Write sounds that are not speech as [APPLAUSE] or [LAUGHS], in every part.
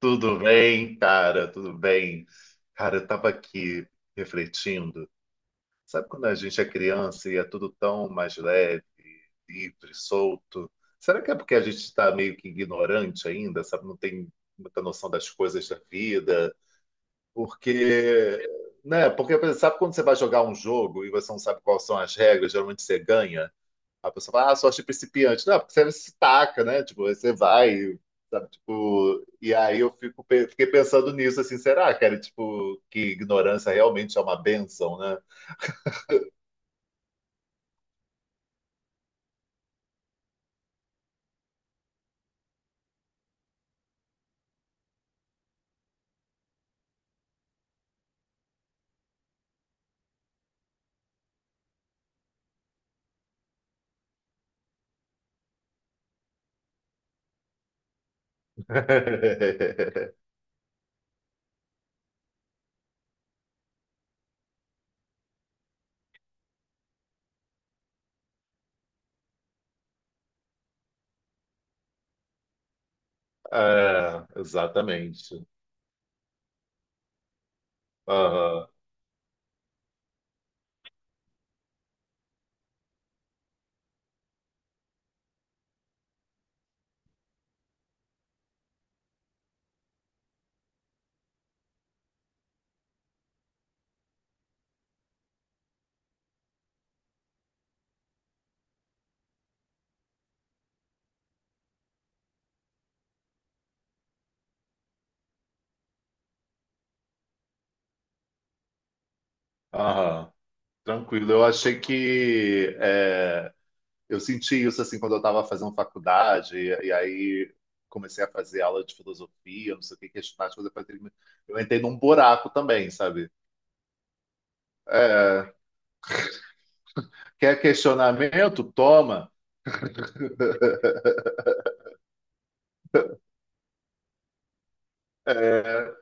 Tudo bem, cara? Tudo bem? Cara, eu tava aqui refletindo. Sabe quando a gente é criança e é tudo tão mais leve, livre, solto? Será que é porque a gente está meio que ignorante ainda, sabe? Não tem muita noção das coisas da vida? Porque, né? Porque sabe quando você vai jogar um jogo e você não sabe quais são as regras, geralmente você ganha? A pessoa fala, ah, sorte principiante. Não, porque você se taca, né? Tipo, aí você vai, sabe? Tipo, e aí eu fico, fiquei pensando nisso, assim, será, cara? Tipo, que ignorância realmente é uma bênção, né? [LAUGHS] É, exatamente. Aham, aham. Tranquilo. Eu achei que é, eu senti isso assim quando eu estava fazendo faculdade, e aí comecei a fazer aula de filosofia, não sei o que, questionar as coisas. Eu falei, "Meu", eu entrei num buraco também, sabe? É. Quer questionamento? Toma. É,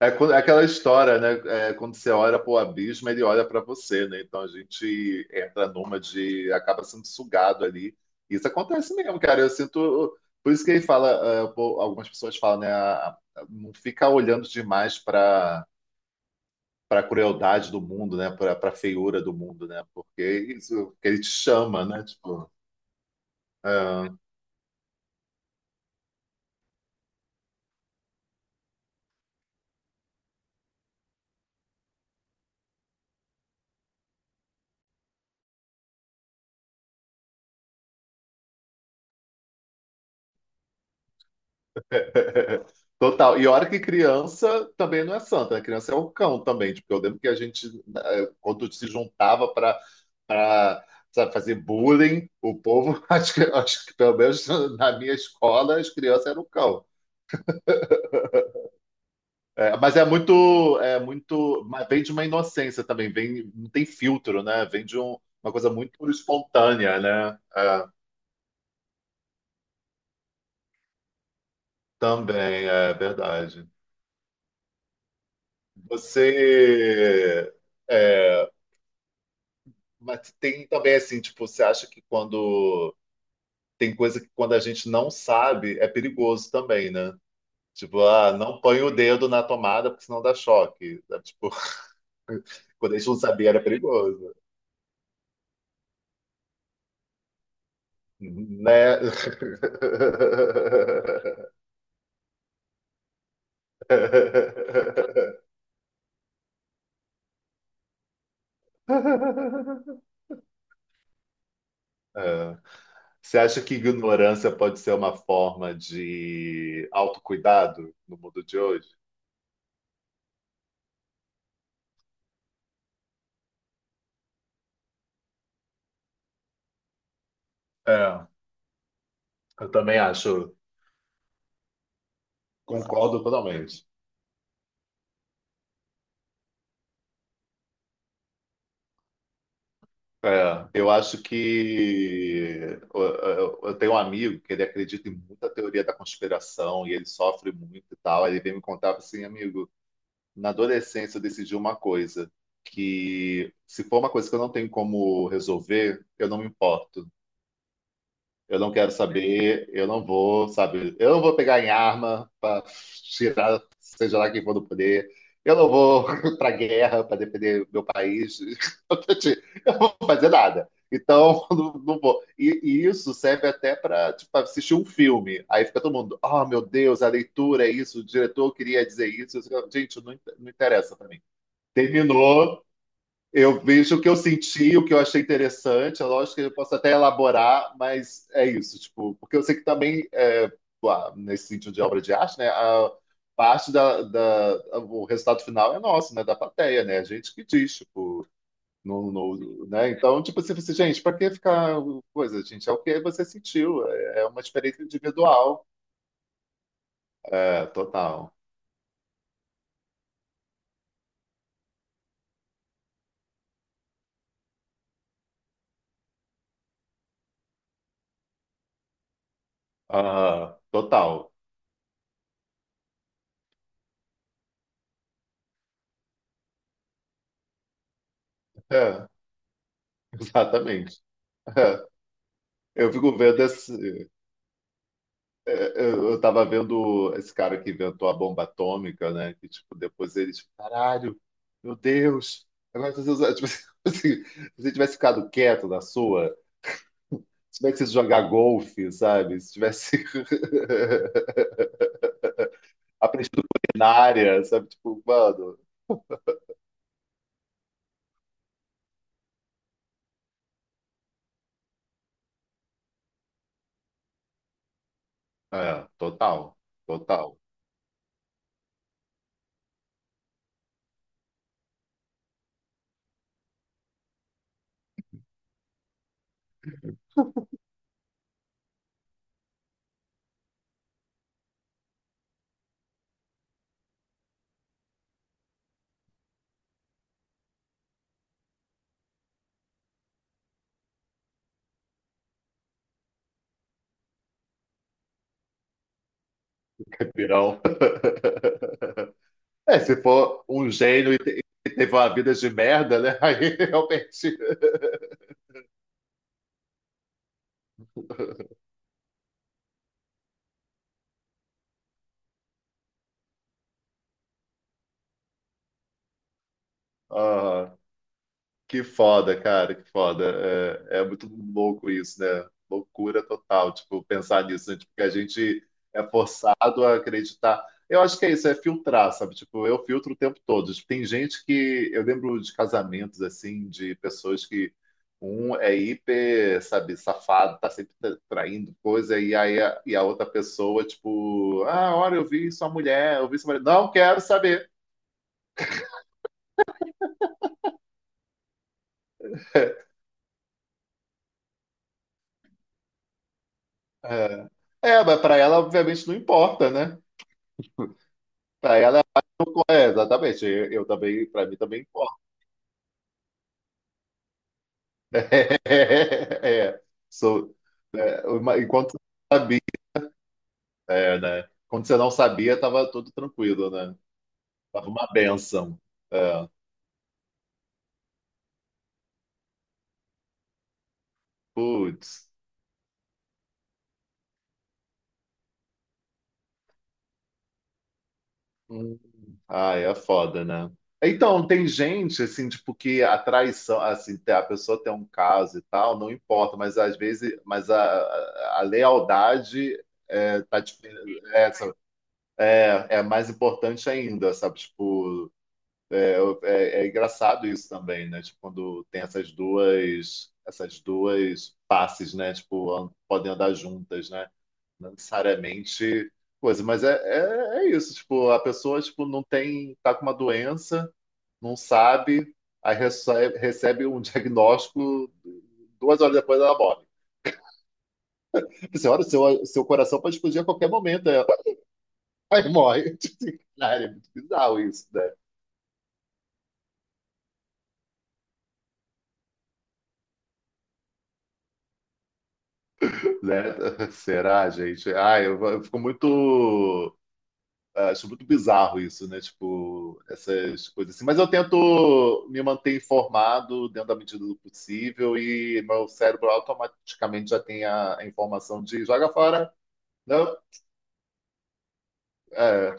é, aquela história, né? É, quando você olha para o abismo, ele olha para você, né? Então a gente entra numa de, acaba sendo sugado ali. Isso acontece mesmo, cara. Eu sinto. Por isso que ele fala, é, pô, algumas pessoas falam, né? Não fica olhando demais para a crueldade do mundo, né? Para a feiura do mundo, né? Porque isso que ele te chama, né? Tipo. É, [LAUGHS] total. E hora que criança também não é santa, né? Criança é o cão também. Tipo, eu lembro que a gente, quando se juntava para fazer bullying, o povo, [LAUGHS] acho que pelo menos na minha escola, as crianças eram o cão. É, mas mas vem de uma inocência também, vem, não tem filtro, né? Vem de uma coisa muito espontânea, né? É, também, é verdade. Você, é, Mas tem também assim, tipo, você acha que quando tem coisa que quando a gente não sabe é perigoso também, né? Tipo, ah, não põe o dedo na tomada porque senão dá choque, sabe? Tipo, [LAUGHS] quando a gente não sabia era perigoso, né? [LAUGHS] É. Você acha que ignorância pode ser uma forma de autocuidado no mundo de hoje? É, eu também acho. Concordo totalmente. É, eu acho que eu tenho um amigo que ele acredita em muita teoria da conspiração e ele sofre muito e tal. Aí ele veio me contar assim, amigo, na adolescência eu decidi uma coisa, que se for uma coisa que eu não tenho como resolver, eu não me importo. Eu não quero saber, eu não vou, sabe? Eu não vou pegar em arma para tirar, seja lá quem for do poder. Eu não vou [LAUGHS] para guerra para defender meu país. [LAUGHS] Eu não vou fazer nada. Então, [LAUGHS] não, não vou. E isso serve até para tipo, assistir um filme. Aí fica todo mundo, oh meu Deus, a leitura é isso, o diretor queria dizer isso. Eu digo, gente, não, não interessa para mim. Terminou, eu vejo o que eu senti, o que eu achei interessante. É lógico que eu posso até elaborar, mas é isso, tipo, porque eu sei que também, é, lá, nesse sentido de obra de arte, né, a parte o resultado final é nosso, né, da plateia, né, a gente que diz, tipo, né, então, tipo, assim, você, gente, para que ficar coisa, gente, é o que você sentiu, é, é uma experiência individual, é, total. Aham, total. É, [LAUGHS] exatamente. É. Eu fico vendo esse, Eu tava vendo esse cara que inventou a bomba atômica, né? Que, tipo, depois ele, tipo, caralho, meu Deus, agora se você, tipo, [LAUGHS] assim, se você tivesse ficado quieto na sua, se tivesse ido jogar golfe, sabe? Se tivesse [LAUGHS] aprendido culinária, sabe? Tipo, mano, é, total, total, pirão. [LAUGHS] É, se for um gênio e teve uma vida de merda, né? [LAUGHS] Aí, realmente. Ah. Que foda, cara, que foda. É muito louco isso, né? Loucura total, tipo, pensar nisso, né? Tipo, que a gente é forçado a acreditar. Eu acho que é isso, é filtrar, sabe? Tipo, eu filtro o tempo todo. Tipo, tem gente que. Eu lembro de casamentos, assim, de pessoas que um é hiper, sabe, safado, tá sempre traindo coisa, e aí e a outra pessoa, tipo, ah, olha, eu vi sua mulher, eu vi sua mulher. Não quero saber. [LAUGHS] É, é, mas pra ela, obviamente, não importa, né? Para ela, é, exatamente. Eu também, para mim também importa. [LAUGHS] é. sou, enquanto você não sabia, é, né? Quando você não sabia, estava tudo tranquilo, né? Tava uma bênção. É. Putz. Hum. Ah, é foda, né? Então, tem gente, assim, tipo, que a traição, assim, a pessoa tem um caso e tal, não importa, mas às vezes, mas a lealdade é, tá, dif- é, é mais importante ainda, sabe? Tipo, é, é engraçado isso também, né? Tipo, quando tem essas duas passes, né? Tipo, podem andar juntas, né? Não necessariamente coisa, mas é, é isso. Tipo, a pessoa, tipo, não tem, tá com uma doença, não sabe, aí recebe um [LAUGHS] diagnóstico, 2 horas depois ela morre. Você olha, seu coração pode explodir a qualquer momento, aí morre. [LAUGHS] Cara, é muito bizarro isso, né? Né? [LAUGHS] Será, gente? Ah, eu fico muito. Acho muito bizarro isso, né? Tipo, essas coisas assim. Mas eu tento me manter informado dentro da medida do possível e meu cérebro automaticamente já tem a informação de joga fora. Não? É,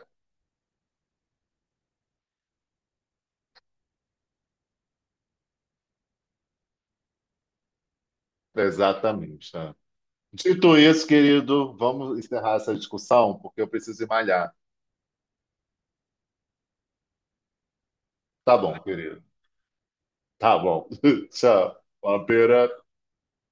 exatamente. Né? Dito isso, querido, vamos encerrar essa discussão, porque eu preciso ir malhar. Tá bom, querido. Tá bom. [LAUGHS] Tchau. Uma pera.